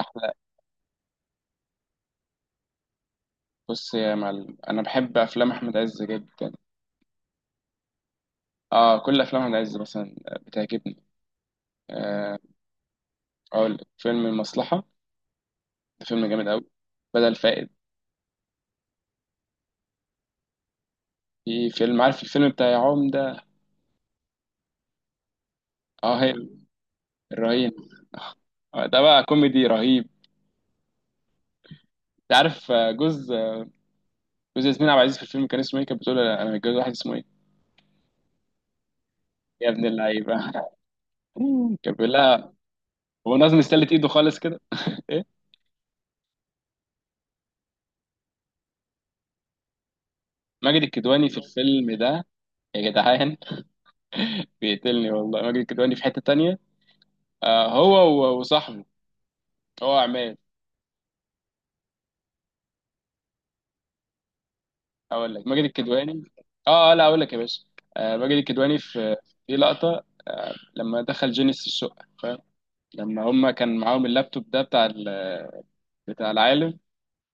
احلى. بص يا معلم، انا بحب افلام احمد عز جدا. اه، كل افلام احمد عز مثلا بتعجبني. آه. اقول لك فيلم المصلحه، ده فيلم جامد قوي. بدل فائد. في فيلم، عارف الفيلم بتاع يا عمده. اه هي الرهين. آه، ده بقى كوميدي رهيب. انت عارف جوز ياسمين عبد العزيز في الفيلم كان اسمه ايه، كانت بتقول له انا متجوز واحد اسمه ايه. يا ابن اللعيبه. كان بيقول لها. هو نازل مستلت ايده خالص كده. ايه. ماجد الكدواني في الفيلم ده، يا جدعان. بيقتلني والله، ماجد الكدواني في حته تانية. آه هو، وصاحبه، هو عماد. اقول لك ماجد الكدواني. اه، لا اقول لك يا باشا. آه، ماجد الكدواني في في لقطه لما دخل جينيس الشقه فاهم. لما هم كان معاهم اللابتوب ده بتاع بتاع العالم،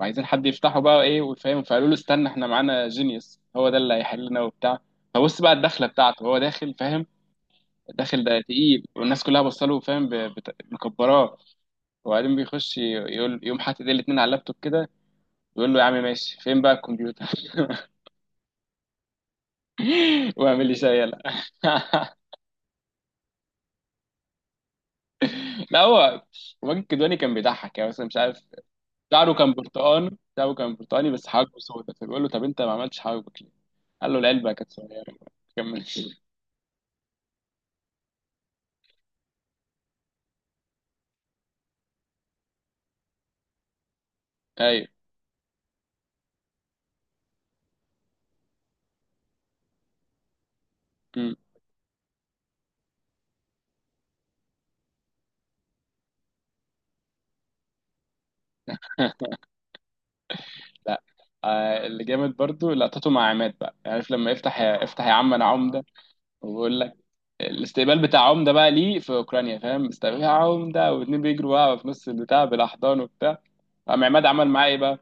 وعايزين حد يفتحه بقى ايه وفاهم، فقالوا له استنى احنا معانا جينيوس، هو ده اللي هيحلنا وبتاع. فبص بقى الدخله بتاعته، هو داخل فاهم، داخل ده تقيل، والناس كلها بصله فاهم مكبراه. وبعدين بيخش، يقول، يقوم حاطط ايديه الاتنين على اللابتوب كده، بيقول له يا عم ماشي فين بقى الكمبيوتر. واعمل لي شاي. يلا. لا هو ماجد الكدواني كان بيضحك يعني مثلا مش عارف، شعره كان برتقان، شعره كان برتقاني بس حواجبه سودا، فبيقول له طب انت ما عملتش حواجبك ليه؟ قال له العلبه كانت صغيره. كمل. ايوه. مم. لا. آه، اللي جامد برضو لقطته مع عماد بقى، يعني عارف لما يفتح يا افتح يا عم انا عمده، وبقول لك الاستقبال بتاع عمده بقى ليه في اوكرانيا فاهم، استقبال يا عمده، واتنين بيجروا بقى في نص البتاع بالاحضان وبتاع. قام عماد عمل معاه ايه بقى؟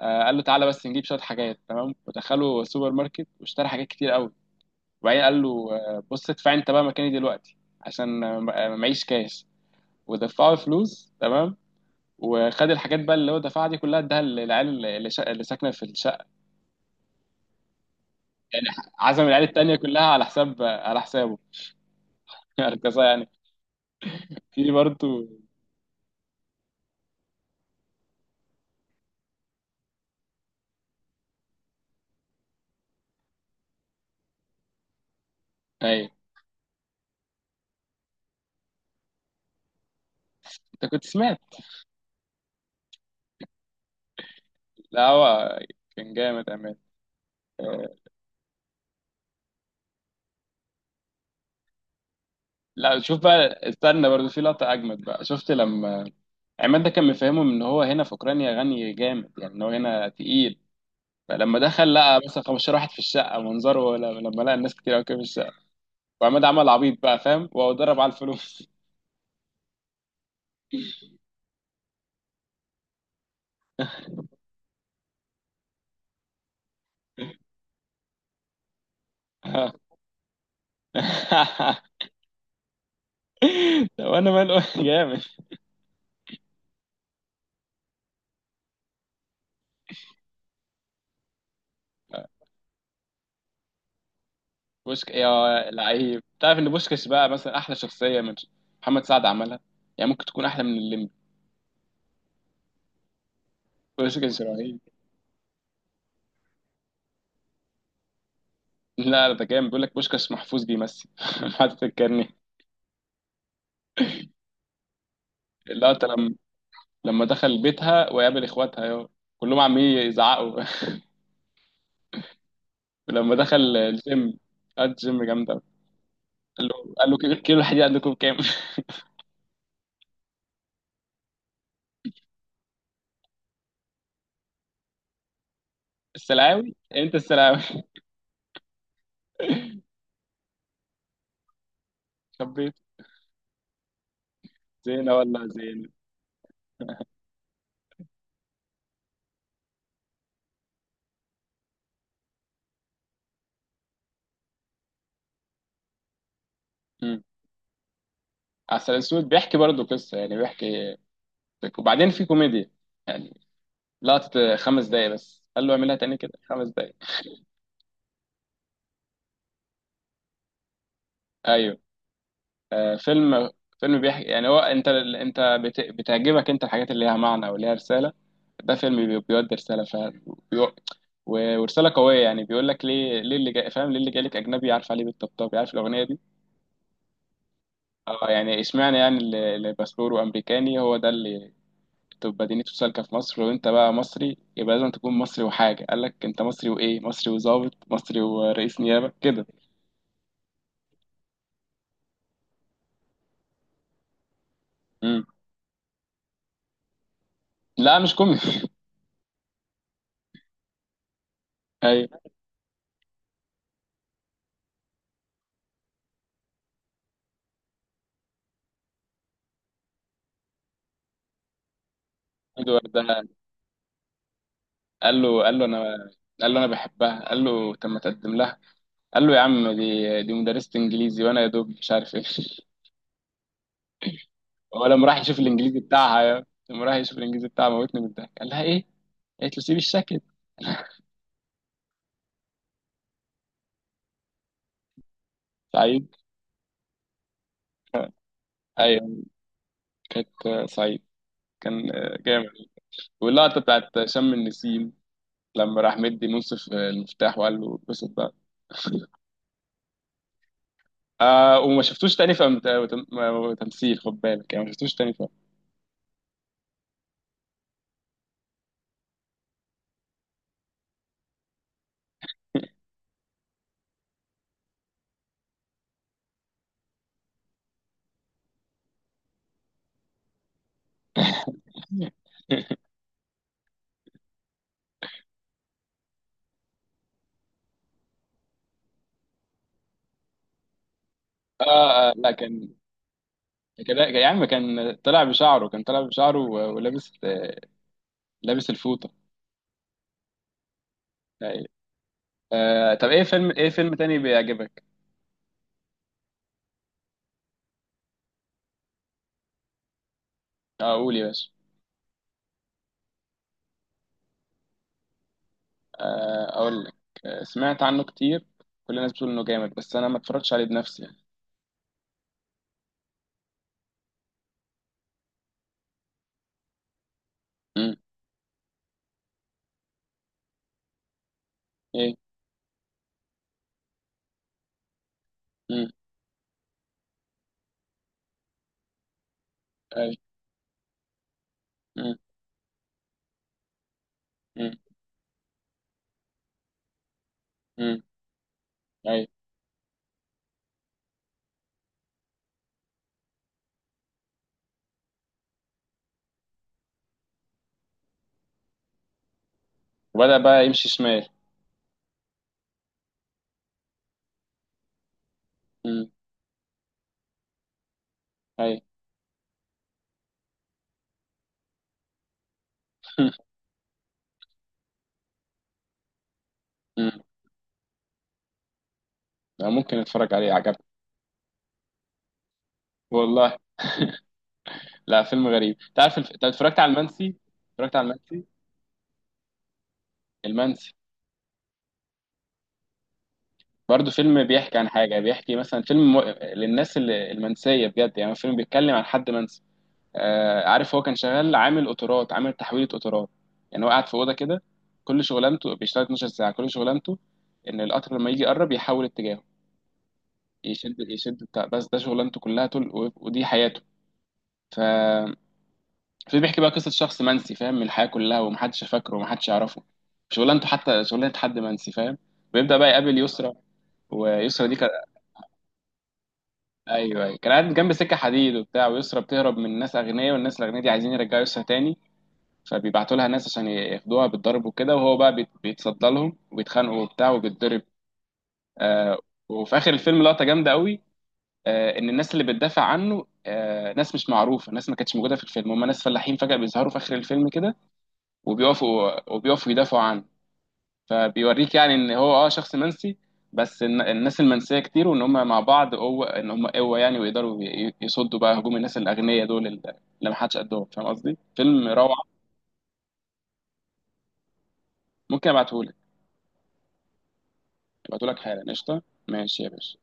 قال له تعالى بس نجيب شويه حاجات تمام، ودخله سوبر ماركت واشترى حاجات كتير قوي. وبعدين قال له بص ادفع انت بقى مكاني دلوقتي عشان معيش كاش. ودفعه فلوس تمام، وخد الحاجات بقى اللي هو دفعها دي كلها، اداها للعيال اللي، اللي ساكنه في الشقه. يعني عزم العيال التانيه كلها على حساب، على حسابه. اركزها يعني. في برضه. اي. انت كنت سمعت؟ لا هو كان جامد امان. آه، لا شوف بقى، استنى برضه، في لقطه اجمد بقى شفت لما عماد ده كان مفهمهم ان هو هنا في اوكرانيا غني جامد، يعني ان هو هنا تقيل. فلما دخل لقى مثلا 15 واحد في الشقه منظره، لما لقى الناس كتير قوي كده في الشقه، وعماد عمل عبيط بقى فاهم وضرب على الفلوس. طب انا ماله. جامد. بوشك يا لعيب، تعرف ان بوشكش بقى مثلا احلى شخصيه من محمد سعد عملها، يعني ممكن تكون احلى من الليمبي. بوشكش رهيب. لا لا، ده جامد، بيقول لك بوشكش محفوظ بيمثل. حاطط الكارنيه. لا لما دخل بيتها وقابل اخواتها يا كلهم عمالين يزعقوا. ولما دخل الجيم، قعد الجيم جامد أوي. قال له، كيلو كيلو الحديد عندكم كام؟ السلاوي، انت السلاوي. خبيت. زينه ولا زينه. امم. عسل اسود بيحكي برضه قصه يعني بيحكي. وبعدين في كوميديا يعني، لقطه 5 دقايق بس قال له اعملها تاني كده 5 دقايق. ايوه. آه، فيلم. فيلم بيحكي يعني، هو انت انت بتعجبك انت الحاجات اللي ليها معنى وليها رسالة. ده فيلم بيودي رسالة فعلا، ورسالة قوية يعني، بيقول لك ليه ليه اللي جاي فاهم، ليه اللي جاي لك أجنبي، عارف عليه بالطبطاب، عارف الأغنية دي. اه يعني اشمعنى يعني اللي باسبوره أمريكاني هو ده اللي تبقى دينيته سالكة في مصر، وأنت بقى مصري يبقى لازم تكون مصري. وحاجة قال لك أنت مصري وإيه مصري، وظابط مصري ورئيس نيابة كده. مم. لا مش كوميدي. أيوه ده. قال له قال له انا قال له انا بحبها. قال له طب ما تقدم لها. قال له يا عم دي دي مدرسة انجليزي وانا يا دوب مش عارف ايه. هو لما راح يشوف الانجليزي بتاعها موتني من الضحك، قال لها ايه. قالت له سيبي الشكل. سعيد. ايوه. كانت سعيد. كان جامد. واللقطة بتاعت شم النسيم لما راح مدي منصف المفتاح وقال له اتبسط بقى. آه، وما شفتوش تاني في تمثيل، خد بالك يعني، ما شفتوش تاني في أم- لا كان كده يا عم، كان طلع بشعره ولابس لابس الفوطة. أيوة. آه، طب ايه فيلم، ايه فيلم تاني بيعجبك؟ آه، قول يا باشا. آه اقول لك. آه، سمعت عنه كتير، كل الناس بتقول انه جامد بس انا ما اتفرجتش عليه بنفسي يعني. امم. ايه. امم. اي. امم. امم. امم. اي. وبدأ بقى يمشي شمال. امم. اي. امم. أنا ممكن اتفرج عليه، عجبني. والله. لا فيلم غريب، تعرف، انت اتفرجت على المنسي؟ اتفرجت على المنسي المنسي؟ برضه فيلم بيحكي عن حاجة، بيحكي مثلا فيلم للناس المنسية بجد، يعني فيلم بيتكلم عن حد منسي. آه عارف، هو كان شغال عامل قطارات، عامل تحويلة قطارات. يعني هو قاعد في أوضة كده، كل شغلانته بيشتغل 12 ساعة، كل شغلانته إن القطر لما يجي يقرب يحول اتجاهه، يشد يشد بتاع، بس ده شغلانته كلها طول، ودي حياته. ف في بيحكي بقى قصة شخص منسي فاهم، من الحياة كلها، ومحدش فاكره ومحدش يعرفه. شغلانته حتى شغلانة حد منسي فاهم. ويبدأ بقى يقابل يسرا، ويسرا دي كانت. ايوه ايوه كان قاعد جنب سكه حديد وبتاع، ويسرا بتهرب من ناس اغنياء، والناس الاغنياء دي عايزين يرجعوا يسرا تاني، فبيبعتوا لها ناس عشان ياخدوها بالضرب وكده، وهو بقى بيتصدى لهم وبيتخانقوا وبتاع وبيتضرب. آه. وفي اخر الفيلم لقطه جامده قوي. آه، ان الناس اللي بتدافع عنه، آه، ناس مش معروفه، ناس ما كانتش موجوده في الفيلم، هم ناس فلاحين فجاه بيظهروا في اخر الفيلم كده، وبيقفوا وبيقفوا يدافعوا عنه. فبيوريك يعني ان هو اه شخص منسي، بس الناس المنسيه كتير، وان هم مع بعض قوه، ان هم قوه يعني، ويقدروا يصدوا بقى هجوم الناس الاغنياء دول اللي ما حدش قدهم. فاهم قصدي؟ فيلم روعه. ممكن ابعتهولك. ابعتهولك حالا قشطه. ماشي يا باشا.